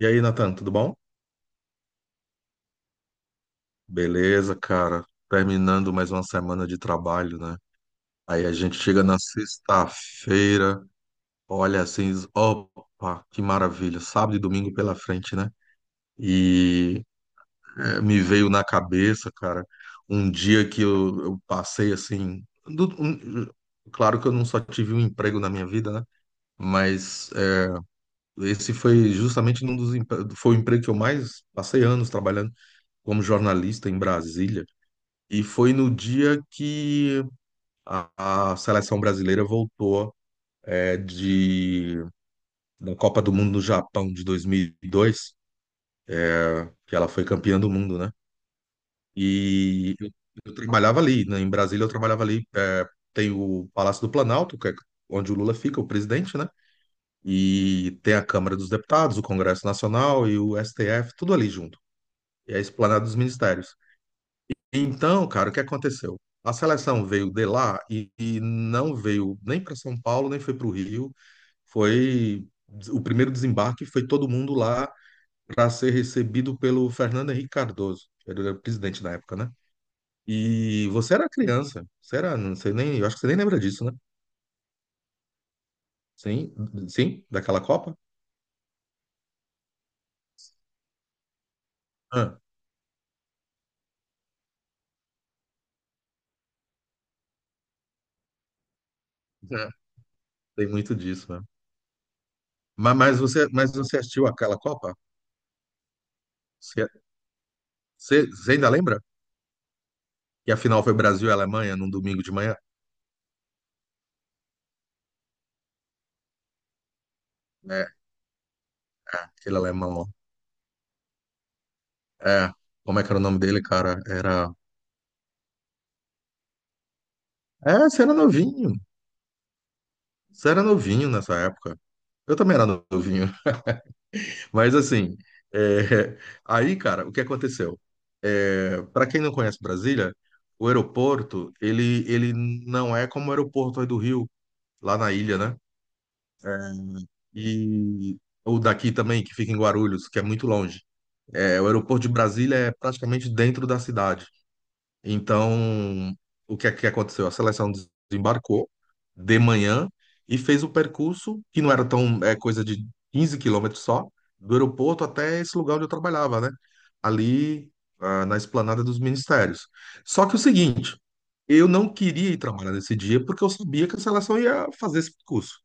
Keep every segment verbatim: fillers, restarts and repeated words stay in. E aí, Nathan, tudo bom? Beleza, cara. Terminando mais uma semana de trabalho, né? Aí a gente chega na sexta-feira, olha assim, diz, opa, que maravilha, sábado e domingo pela frente, né? E é, me veio na cabeça, cara, um dia que eu, eu passei assim. Do- um- claro que eu não só tive um emprego na minha vida, né? Mas é, esse foi justamente um dos empre- foi o emprego que eu mais passei anos trabalhando como jornalista em Brasília. E foi no dia que a, a seleção brasileira voltou é, de, da Copa do Mundo no Japão de dois mil e dois, que ela foi campeã do mundo, né? E eu, eu trabalhava ali, né? Em Brasília eu trabalhava ali. É, tem o Palácio do Planalto, que é onde o Lula fica, o presidente, né? E tem a Câmara dos Deputados, o Congresso Nacional e o S T F, tudo ali junto. E a Esplanada dos Ministérios. Então, cara, o que aconteceu? A seleção veio de lá e, e não veio nem para São Paulo, nem foi para o Rio. Foi o primeiro desembarque, foi todo mundo lá para ser recebido pelo Fernando Henrique Cardoso, que era o presidente na época, né? E você era criança, você era, não sei nem, eu acho que você nem lembra disso, né? Sim, sim, daquela Copa? Ah, é. Tem muito disso, né? Mas, mas você, mas você assistiu aquela Copa? Você, você você ainda lembra? Que a final foi Brasil e Alemanha num domingo de manhã? É, aquele alemão. Lá. É, como é que era o nome dele, cara? Era. É, você era novinho. Você era novinho nessa época. Eu também era novinho. Mas assim, é, aí, cara, o que aconteceu? É, para quem não conhece Brasília, o aeroporto, ele, ele não é como o aeroporto aí do Rio, lá na ilha, né? É, e o daqui também, que fica em Guarulhos, que é muito longe. É, o aeroporto de Brasília é praticamente dentro da cidade. Então, o que é que aconteceu? A seleção desembarcou de manhã e fez o percurso, que não era tão, é coisa de quinze quilômetros só, do aeroporto até esse lugar onde eu trabalhava, né? Ali, ah, na esplanada dos ministérios. Só que o seguinte, eu não queria ir trabalhar nesse dia porque eu sabia que a seleção ia fazer esse percurso.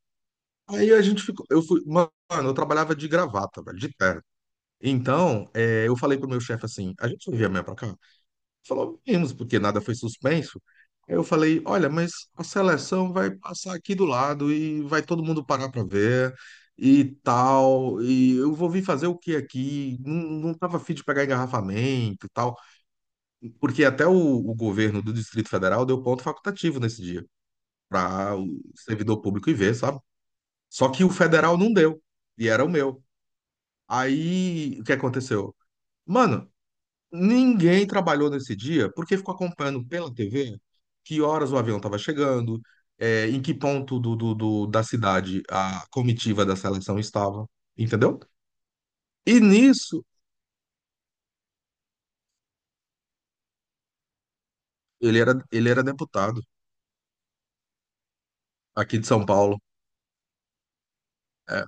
Aí a gente ficou, eu fui, mano, eu trabalhava de gravata, velho, de terno. Então, eh, eu falei pro meu chefe assim, a gente não envia amanhã pra cá? Falou, vimos, porque nada foi suspenso. Aí eu falei, olha, mas a seleção vai passar aqui do lado e vai todo mundo parar para ver e tal, e eu vou vir fazer o que aqui? Não, não tava afim de pegar engarrafamento e tal, porque até o, o governo do Distrito Federal deu ponto facultativo nesse dia para o servidor público ir ver, sabe? Só que o federal não deu, e era o meu. Aí, o que aconteceu? Mano, ninguém trabalhou nesse dia porque ficou acompanhando pela T V que horas o avião estava chegando, é, em que ponto do, do- do- da cidade a comitiva da seleção estava, entendeu? E nisso, ele era, ele era deputado aqui de São Paulo, é,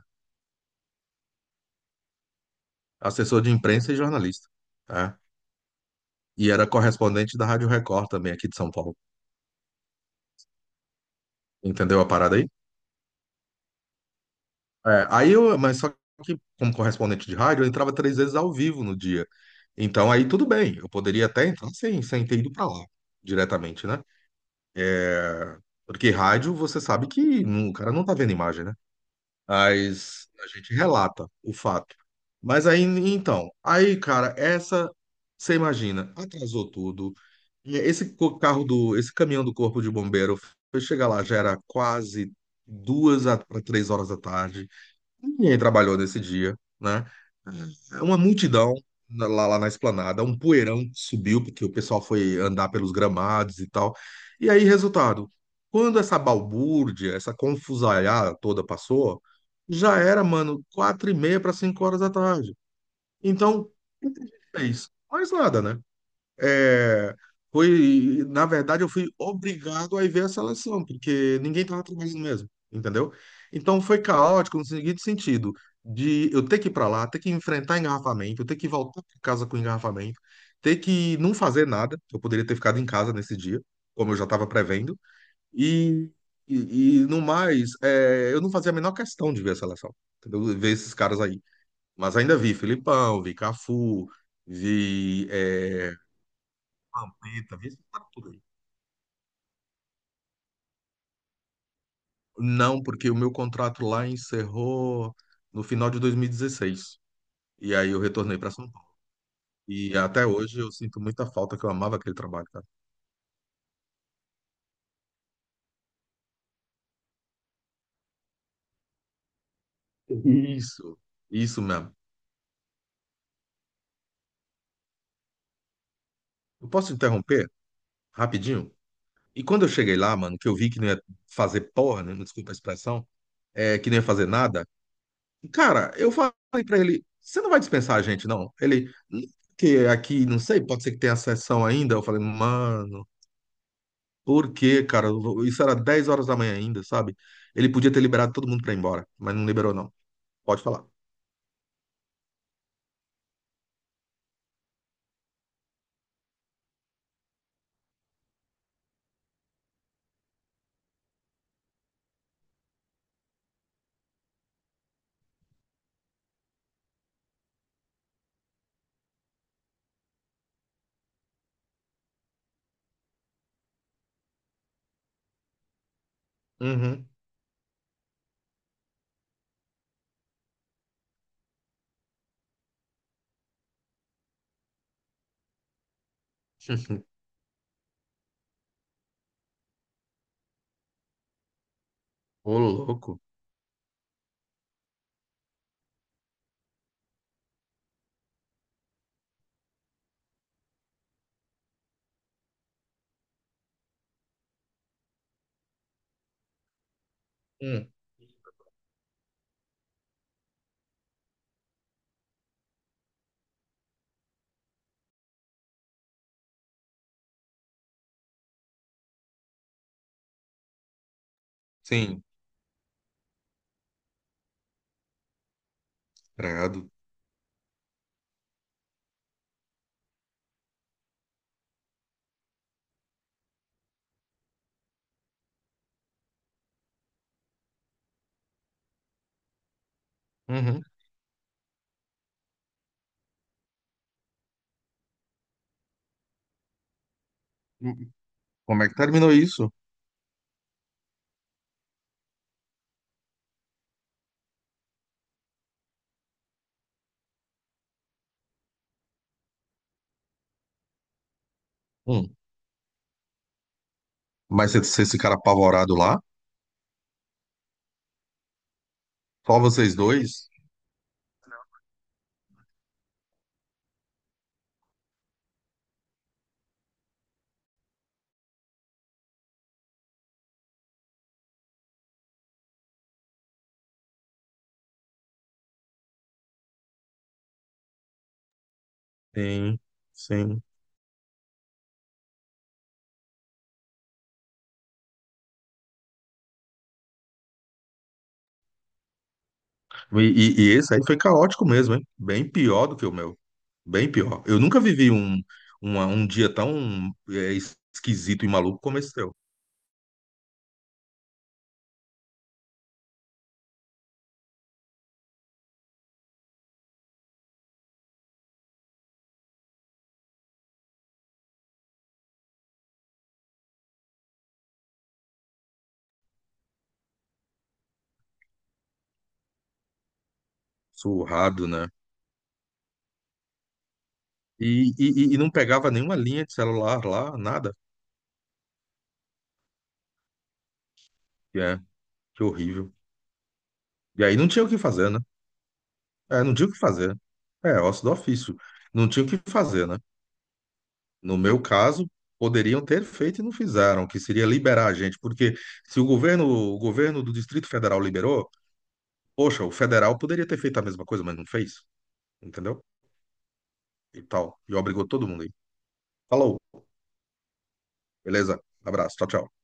assessor de imprensa e jornalista, é, e era correspondente da Rádio Record também aqui de São Paulo. Entendeu a parada aí? É, aí eu, mas só que como correspondente de rádio, eu entrava três vezes ao vivo no dia. Então aí tudo bem, eu poderia até entrar sem, sem ter ido para lá diretamente, né? É, porque rádio você sabe que não- o cara não tá vendo imagem, né? Mas a gente relata o fato. Mas aí então, aí cara, essa você imagina, atrasou tudo. E Esse co- carro do, esse caminhão do corpo de bombeiro foi chegar lá já era quase duas para três horas da tarde. Ninguém trabalhou nesse dia, né? Uma multidão na- lá, lá na esplanada, um poeirão que subiu, porque o pessoal foi andar pelos gramados e tal. E aí, resultado, quando essa balbúrdia, essa confusaiada toda passou, já era, mano, quatro e meia para cinco horas da tarde. Então, o que a gente fez? Mais nada, né? É, foi, na verdade, eu fui obrigado a ir ver a seleção, porque ninguém estava trabalhando mesmo, entendeu? Então foi caótico no seguinte sentido, de eu ter que ir para lá, ter que enfrentar engarrafamento, eu ter que voltar para casa com engarrafamento, ter que não fazer nada, eu poderia ter ficado em casa nesse dia, como eu já estava prevendo, e, e, e no mais, é, eu não fazia a menor questão de ver a seleção, entendeu? Ver esses caras aí. Mas ainda vi Filipão, vi Cafu, vi. É, Vampeta, vê se tá tudo aí. Não, porque o meu contrato lá encerrou no final de dois mil e dezesseis. E dezesseis. E aí eu retornei para São Paulo. E até hoje eu sinto muita falta, que eu amava aquele trabalho, cara. Isso, isso mesmo. Eu posso interromper rapidinho? E quando eu cheguei lá, mano, que eu vi que não ia fazer porra, né? Desculpa a expressão, é, que não ia fazer nada. Cara, eu falei para ele: você não vai dispensar a gente, não? Ele, que aqui, não sei, pode ser que tenha sessão ainda. Eu falei, mano. Por quê, cara? Isso era dez horas da manhã ainda, sabe? Ele podia ter liberado todo mundo pra ir embora, mas não liberou, não. Pode falar. Uhum. Ô, louco. Hum. Sim, credo. Uhum. Hum. Como é que terminou isso? Hum. Mas vocês vocês ficaram apavorados lá? Só vocês dois? Sim, sim. E, e- e esse aí foi caótico mesmo, hein? Bem pior do que o meu. Bem pior. Eu nunca vivi um, uma- um dia tão é, esquisito e maluco como esse teu. Surrado, né? E, e, e não pegava nenhuma linha de celular lá, nada. E é, que horrível. E aí não tinha o que fazer, né? É, não tinha o que fazer. É, ócio do ofício. Não tinha o que fazer, né? No meu caso, poderiam ter feito e não fizeram, que seria liberar a gente, porque se o governo, o governo do Distrito Federal liberou, poxa, o federal poderia ter feito a mesma coisa, mas não fez, entendeu? E tal. E obrigou todo mundo aí. Falou. Beleza? Abraço. Tchau, tchau.